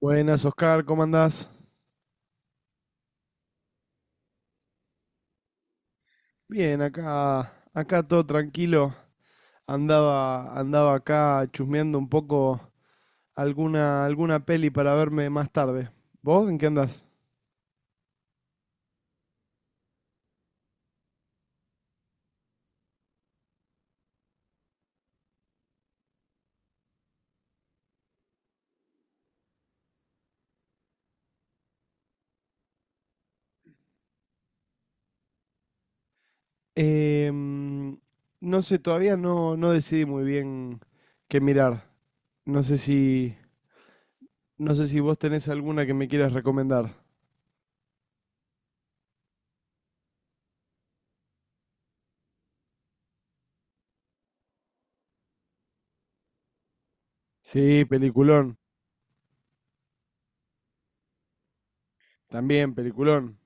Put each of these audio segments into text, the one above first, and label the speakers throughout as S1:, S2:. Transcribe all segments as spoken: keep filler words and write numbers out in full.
S1: Buenas, Oscar, ¿cómo andás? Bien, acá, acá todo tranquilo. Andaba, andaba acá chusmeando un poco alguna, alguna peli para verme más tarde. ¿Vos en qué andás? Em, no sé, todavía no, no decidí muy bien qué mirar. No sé si, no sé si vos tenés alguna que me quieras recomendar. Sí, peliculón. También, peliculón.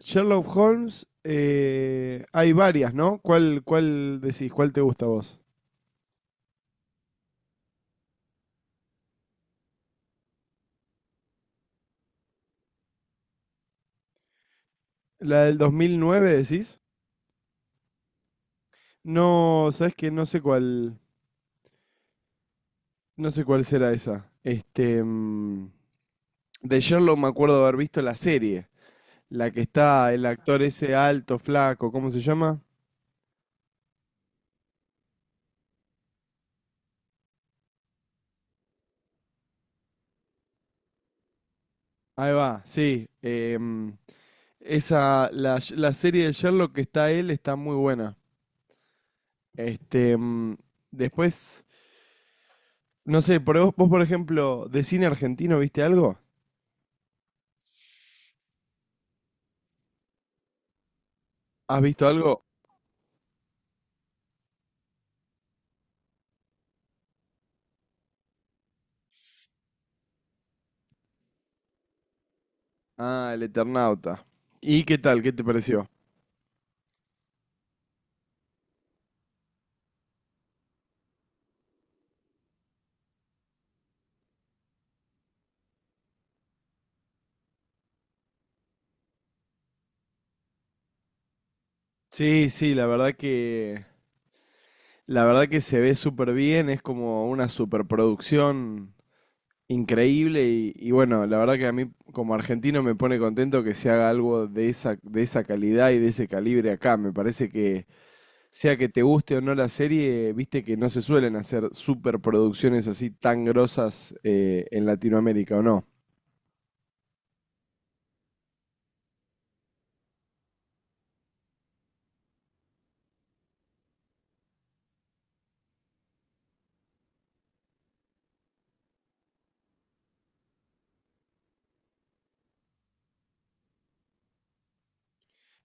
S1: Sherlock Holmes, eh, hay varias, ¿no? ¿Cuál, cuál decís? ¿Cuál te gusta a vos? La del dos mil nueve, decís. No, sabes que no sé cuál, no sé cuál será esa. Este, mm, de Sherlock me acuerdo de haber visto la serie, la que está el actor ese alto, flaco, ¿cómo se llama? Ahí va, sí. Em, esa, la, la serie de Sherlock que está él está muy buena. Este, mm, después, no sé, por vos, vos, por ejemplo, de cine argentino, ¿viste algo? ¿Has visto algo? Ah, El Eternauta. ¿Y qué tal? ¿Qué te pareció? Sí, sí, la verdad que, la verdad que se ve súper bien, es como una superproducción increíble y, y bueno, la verdad que a mí como argentino me pone contento que se haga algo de esa, de esa calidad y de ese calibre acá. Me parece que sea que te guste o no la serie, viste que no se suelen hacer superproducciones así tan grosas eh, en Latinoamérica, ¿o no?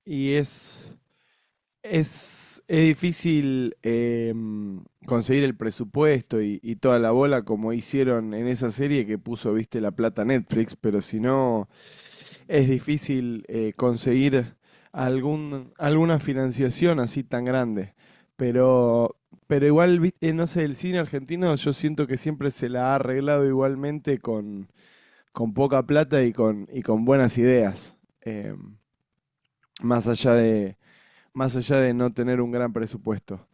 S1: Y es, Es, es difícil em, conseguir el presupuesto y, y toda la bola como hicieron en esa serie que puso, viste, la plata Netflix, pero si no, es difícil eh, conseguir algún, alguna financiación así tan grande. Pero, pero igual, viste, no sé, el cine argentino yo siento que siempre se la ha arreglado igualmente con, con poca plata y con, y con buenas ideas, em, más allá de, más allá de no tener un gran presupuesto.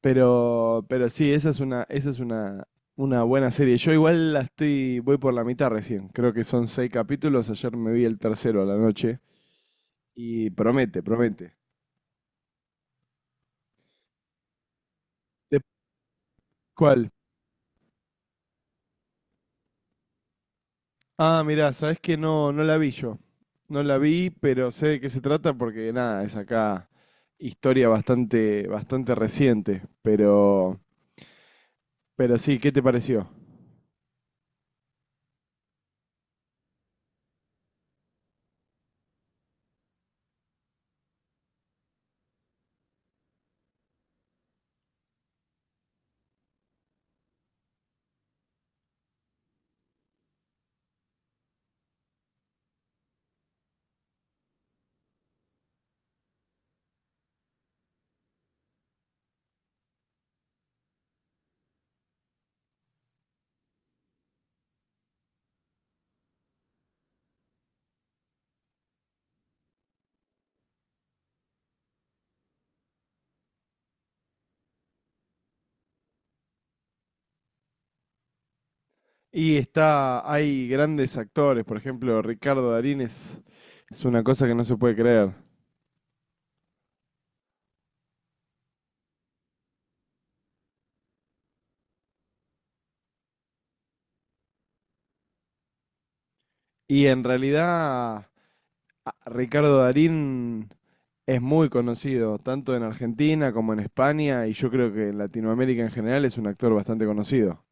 S1: Pero, pero sí, esa es una, esa es una, una buena serie. Yo igual la estoy, voy por la mitad recién. Creo que son seis capítulos. Ayer me vi el tercero a la noche y promete, promete. ¿De cuál? Ah, mirá, sabés que no, no la vi yo. No la vi, pero sé de qué se trata porque nada, es acá historia bastante, bastante reciente. Pero Pero sí, ¿qué te pareció? Y está, hay grandes actores, por ejemplo, Ricardo Darín es, es una cosa que no se puede creer. Y en realidad, a- Ricardo Darín es muy conocido, tanto en Argentina como en España, y yo creo que en Latinoamérica en general es un actor bastante conocido.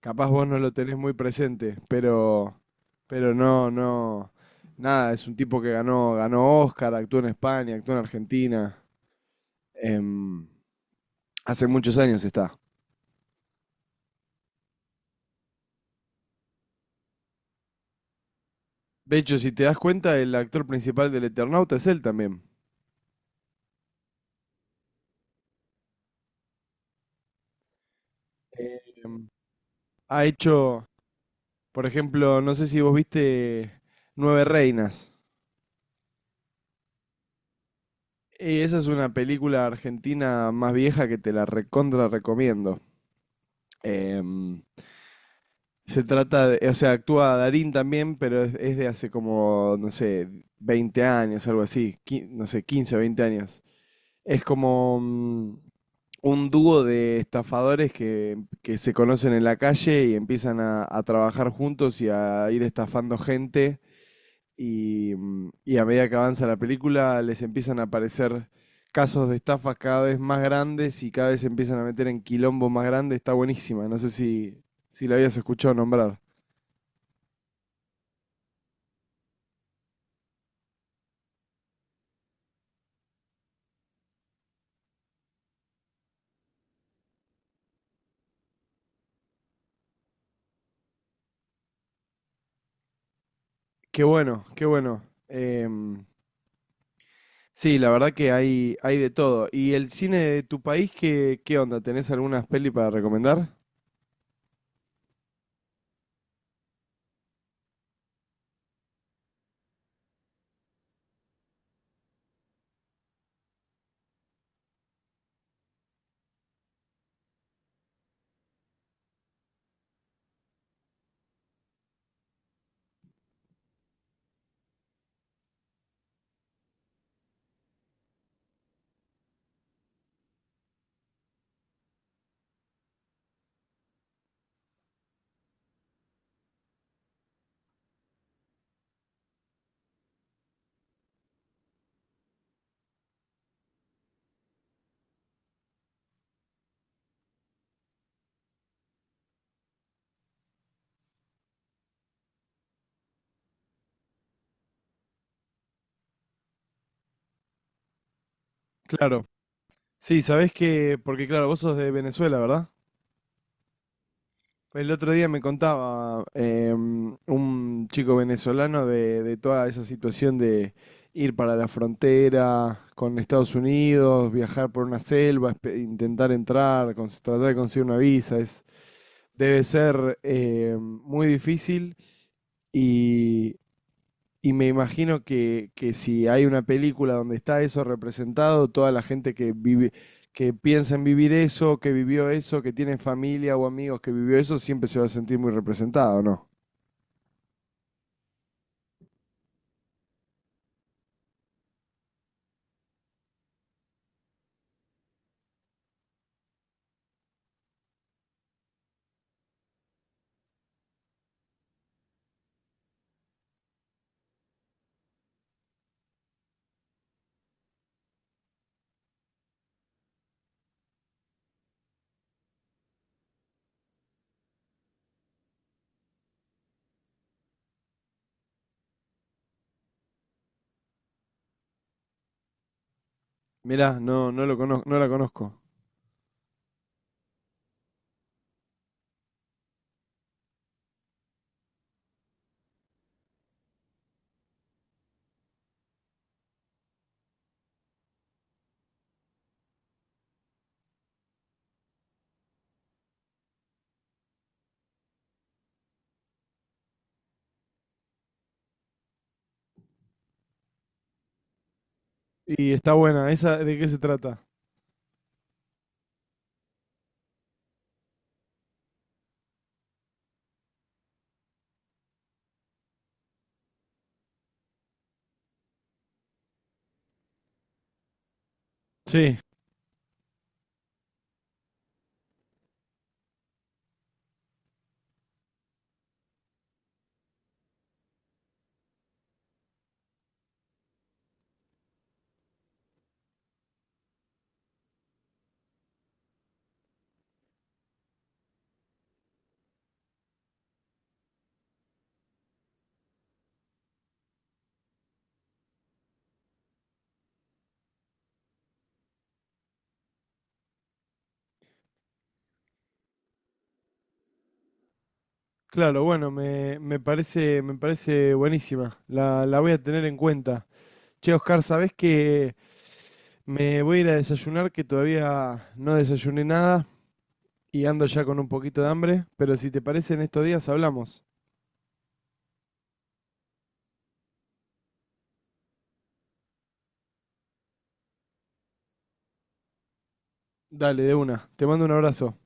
S1: Capaz vos no lo tenés muy presente, pero, pero no, no, nada, es un tipo que ganó, ganó Oscar, actuó en España, actuó en Argentina, em, hace muchos años está. De hecho, si te das cuenta, el actor principal del Eternauta es él también. Em, ha hecho, por ejemplo, no sé si vos viste Nueve Reinas. Eh, esa es una película argentina más vieja que te la recontra recomiendo. Em, se trata de, o sea, actúa Darín también, pero es, es de hace como, no sé, veinte años, algo así, qui- no sé, quince o veinte años. Es como mm, un dúo de estafadores que, que se conocen en la calle y empiezan a, a trabajar juntos y a ir estafando gente. Y, mm, y a medida que avanza la película, les empiezan a aparecer casos de estafas cada vez más grandes y cada vez se empiezan a meter en quilombos más grandes. Está buenísima, no sé si, si la habías escuchado nombrar. Qué bueno, qué bueno. Em, sí, la verdad que hay, hay de todo. ¿Y el cine de tu país, qué, qué onda? ¿Tenés algunas peli para recomendar? Claro. Sí, sabés que, porque claro, vos sos de Venezuela, ¿verdad? El otro día me contaba em, un chico venezolano de, de toda esa situación de ir para la frontera con Estados Unidos, viajar por una selva, espe- intentar entrar, cons- tratar de conseguir una visa. Es, debe ser em, muy difícil. Y, y me imagino que, que si hay una película donde está eso representado, toda la gente que vive, que piensa en vivir eso, que vivió eso, que tiene familia o amigos que vivió eso, siempre se va a sentir muy representado, ¿no? Mirá, no, no lo conozco, no la conozco. Y está buena, ¿esa de qué se trata? Sí, claro, bueno, me, me parece, me parece buenísima. La, la voy a tener en cuenta. Che, Oscar, ¿sabés que me voy a ir a desayunar? Que todavía no desayuné nada y ando ya con un poquito de hambre. Pero si te parece, en estos días hablamos. Dale, de una. Te mando un abrazo.